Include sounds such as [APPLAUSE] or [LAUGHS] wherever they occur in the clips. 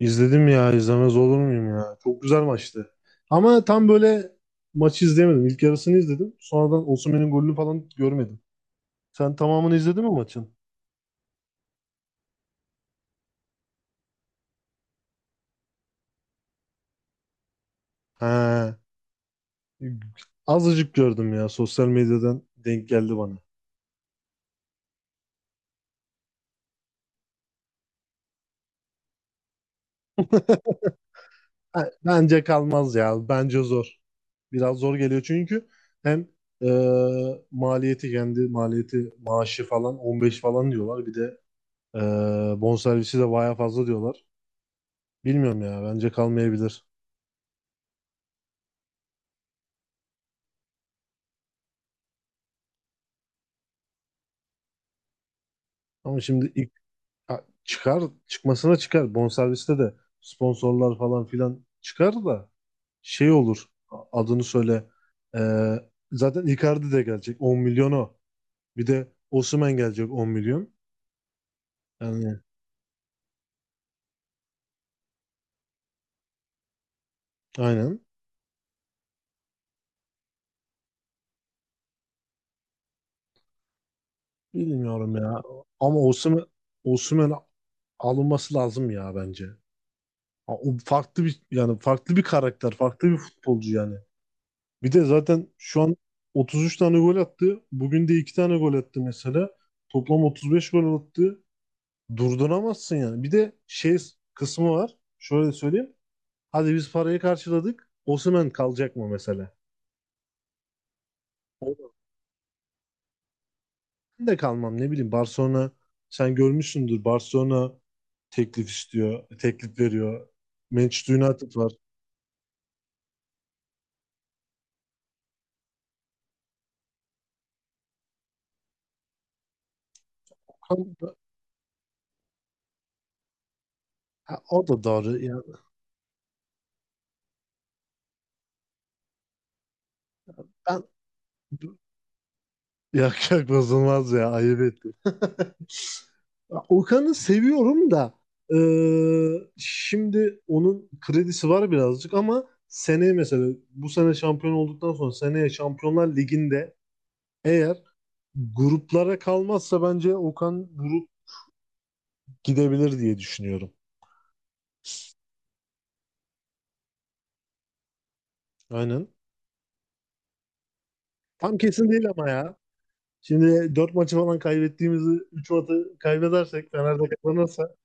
İzledim ya, izlemez olur muyum ya. Çok güzel maçtı. Ama tam böyle maçı izleyemedim. İlk yarısını izledim. Sonradan Osimhen'in golünü falan görmedim. Sen tamamını izledin mi maçın? He. Azıcık gördüm ya. Sosyal medyadan denk geldi bana. Ha, bence kalmaz ya. Bence zor. Biraz zor geliyor çünkü hem e, maliyeti, kendi maliyeti, maaşı falan 15 falan diyorlar. Bir de e, bonservisi de baya fazla diyorlar. Bilmiyorum ya. Bence kalmayabilir. Ama şimdi ilk çıkar çıkmasına çıkar. Bonserviste de sponsorlar falan filan çıkar da şey olur, adını söyle. Ee, zaten Icardi de gelecek 10 milyon o. Bir de Osimhen gelecek 10 milyon. Yani aynen. Bilmiyorum ya. Ama Osimhen, Osimhen alınması lazım ya bence. Ha, o farklı bir yani farklı bir karakter, farklı bir futbolcu yani. Bir de zaten şu an 33 tane gol attı. Bugün de 2 tane gol attı mesela. Toplam 35 gol attı. Durduramazsın yani. Bir de şey kısmı var. Şöyle söyleyeyim. Hadi biz parayı karşıladık. Osimhen kalacak mı mesela? O, ben de kalmam, ne bileyim. Barcelona, sen görmüşsündür. Barcelona teklif istiyor. Teklif veriyor. Manchester United var. Ha, o da doğru. Ya, ben yak yak [LAUGHS] bozulmaz ya. Ayıp ettim. Okan'ı seviyorum da şimdi onun kredisi var birazcık ama seneye, mesela bu sene şampiyon olduktan sonra seneye Şampiyonlar Ligi'nde eğer gruplara kalmazsa bence Okan grup gidebilir diye düşünüyorum. Aynen. Tam kesin değil ama ya. Şimdi 4 maçı falan kaybettiğimizi, 3 maçı kaybedersek, Fener'de kazanırsa,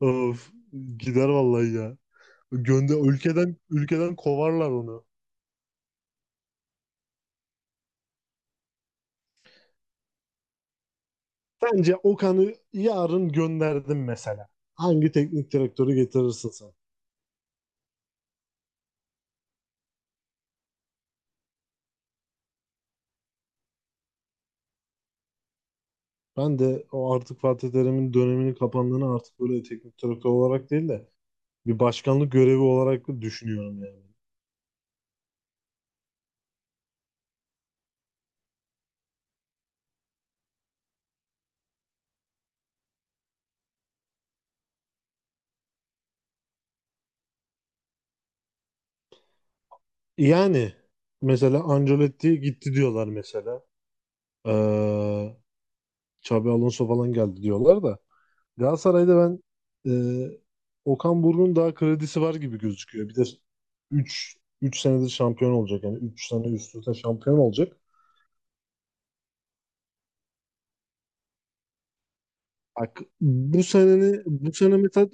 of, gider vallahi ya. Gönder, ülkeden kovarlar onu. Sence Okan'ı yarın gönderdim mesela. Hangi teknik direktörü getirirsin sen? Ben de o artık Fatih Terim'in döneminin kapandığını, artık böyle teknik direktör olarak değil de bir başkanlık görevi olarak düşünüyorum yani. Yani mesela Ancelotti gitti diyorlar mesela. Ee, Xabi Alonso falan geldi diyorlar da. Galatasaray'da ben e, Okan Buruk'un daha kredisi var gibi gözüküyor. Bir de 3 3 senedir şampiyon olacak yani 3 sene üst üste şampiyon olacak. Bak bu sene, bu sene mesela,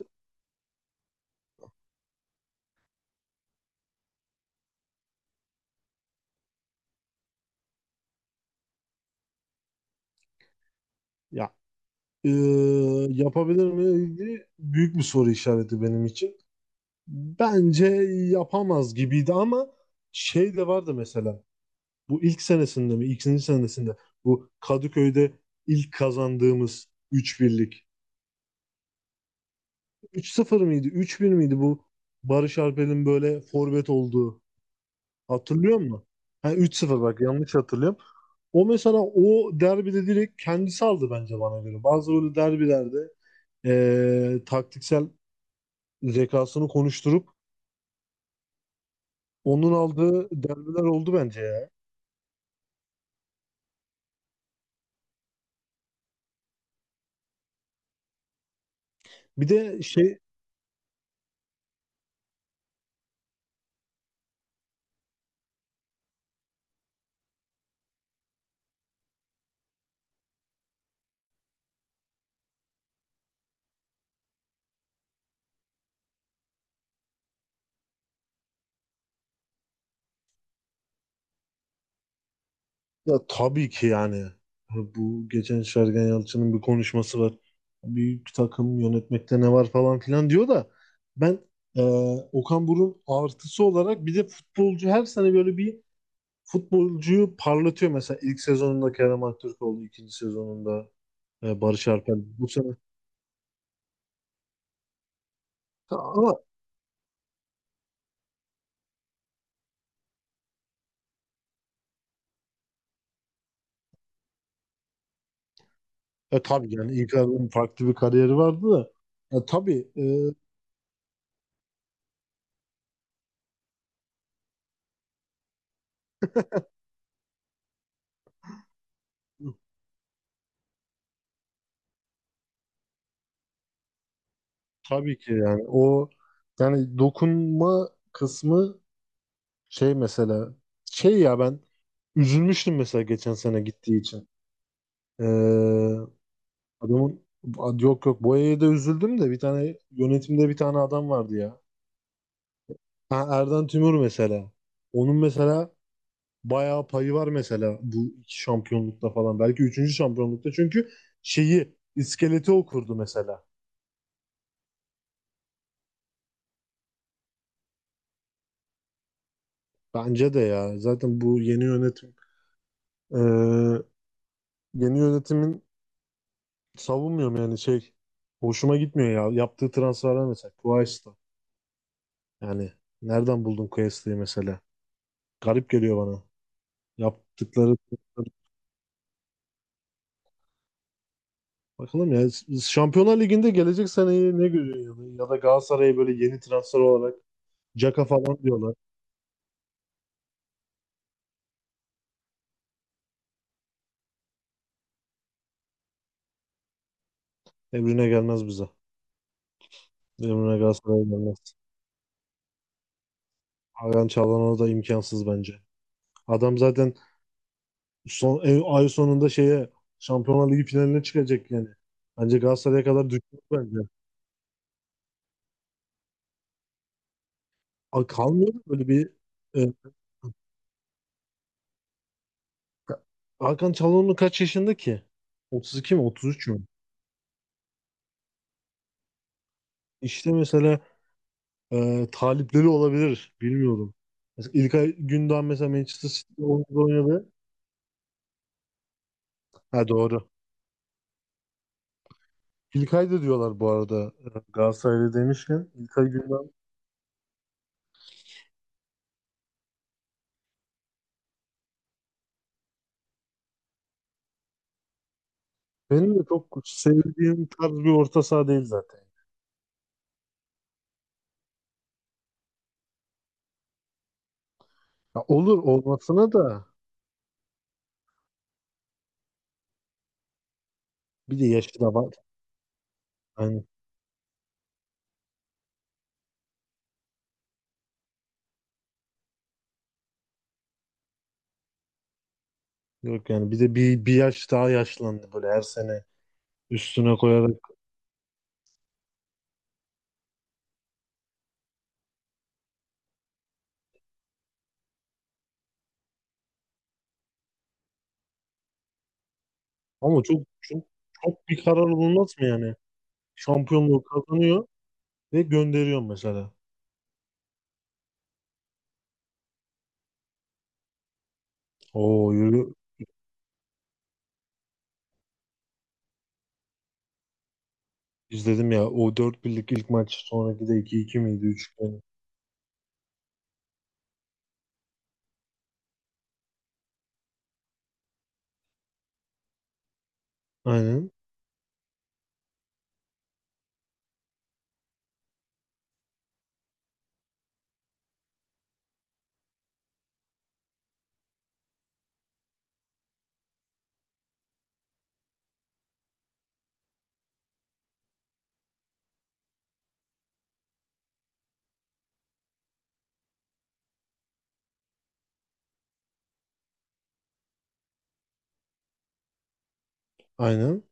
ya yapabilir mi? İlgili büyük bir soru işareti benim için. Bence yapamaz gibiydi ama şey de vardı mesela. Bu ilk senesinde mi, ikinci senesinde bu Kadıköy'de ilk kazandığımız üç birlik, üç sıfır mıydı, üç 1 miydi bu? Barış Alper'in böyle forvet olduğu. Hatırlıyor musun? Ha, 3-0, bak yanlış hatırlıyorum. O mesela, o derbide direkt kendisi aldı bence, bana göre. Bazı böyle derbilerde taktiksel zekasını konuşturup onun aldığı derbiler oldu bence ya. Bir de şey, ya tabii ki yani, bu geçen Sergen Yalçın'ın bir konuşması var. Büyük takım yönetmekte ne var falan filan diyor da, ben Okan Buruk'un artısı olarak bir de futbolcu, her sene böyle bir futbolcuyu parlatıyor mesela. İlk sezonunda Kerem Aktürkoğlu, ikinci sezonunda Barış Alper. Bu sene ama tabii yani Icardi'nin farklı bir kariyeri vardı da e, tabii e, tabii ki yani o, yani dokunma kısmı, şey mesela, şey ya, ben üzülmüştüm mesela geçen sene gittiği için. E, adamın, yok, Boya'ya da üzüldüm de bir tane yönetimde bir tane adam vardı ya. Ha, Erden Tümür mesela. Onun mesela bayağı payı var mesela bu iki şampiyonlukta falan. Belki üçüncü şampiyonlukta, çünkü şeyi, iskeleti okurdu mesela. Bence de ya. Zaten bu yeni yönetim, e, yeni yönetimin, savunmuyorum yani, şey, hoşuma gitmiyor ya. Yaptığı transferler mesela Quaista. Yani nereden buldun Quaista'yı mesela? Garip geliyor bana. Yaptıkları, bakalım ya, Şampiyonlar Ligi'nde gelecek seneyi ne görüyor ya da Galatasaray'ı böyle yeni transfer olarak, Caka falan diyorlar. Emrine gelmez bize. Emre Galatasaray'a gelmez. Hakan Çalhanoğlu da imkansız bence. Adam zaten son, ay sonunda şeye Şampiyonlar Ligi finaline çıkacak yani. Bence Galatasaray'a kadar düşmüş bence. A, kalmıyor mu böyle bir, e, Hakan Çalhanoğlu kaç yaşında ki? 32 mi, 33 mü? İşte mesela talipleri olabilir. Bilmiyorum. Mesela İlkay Gündoğan, mesela Manchester City'de oynadı. Ha, doğru. İlkay da diyorlar bu arada. E, Galatasaray'da demişken, İlkay Gündoğan benim de çok sevdiğim tarz bir orta saha değil zaten. Ya olur olmasına da bir de yaşı da var. Yani yok yani, bir de bir yaş daha yaşlandı böyle her sene üstüne koyarak. Ama çok bir karar olmaz mı yani? Şampiyonluğu kazanıyor ve gönderiyor mesela. Oo, yürü, izledim ya, o 4 birlik ilk maç, sonraki de iki 2 miydi, 3-2 miydi? Aynen aynen.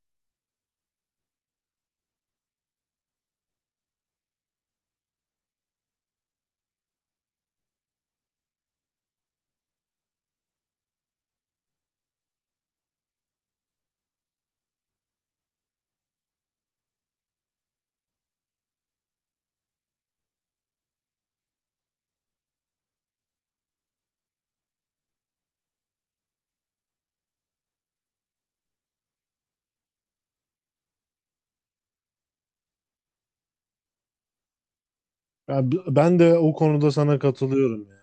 Ya ben de o konuda sana katılıyorum ya,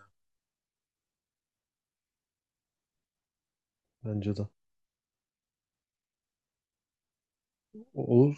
bence de. O,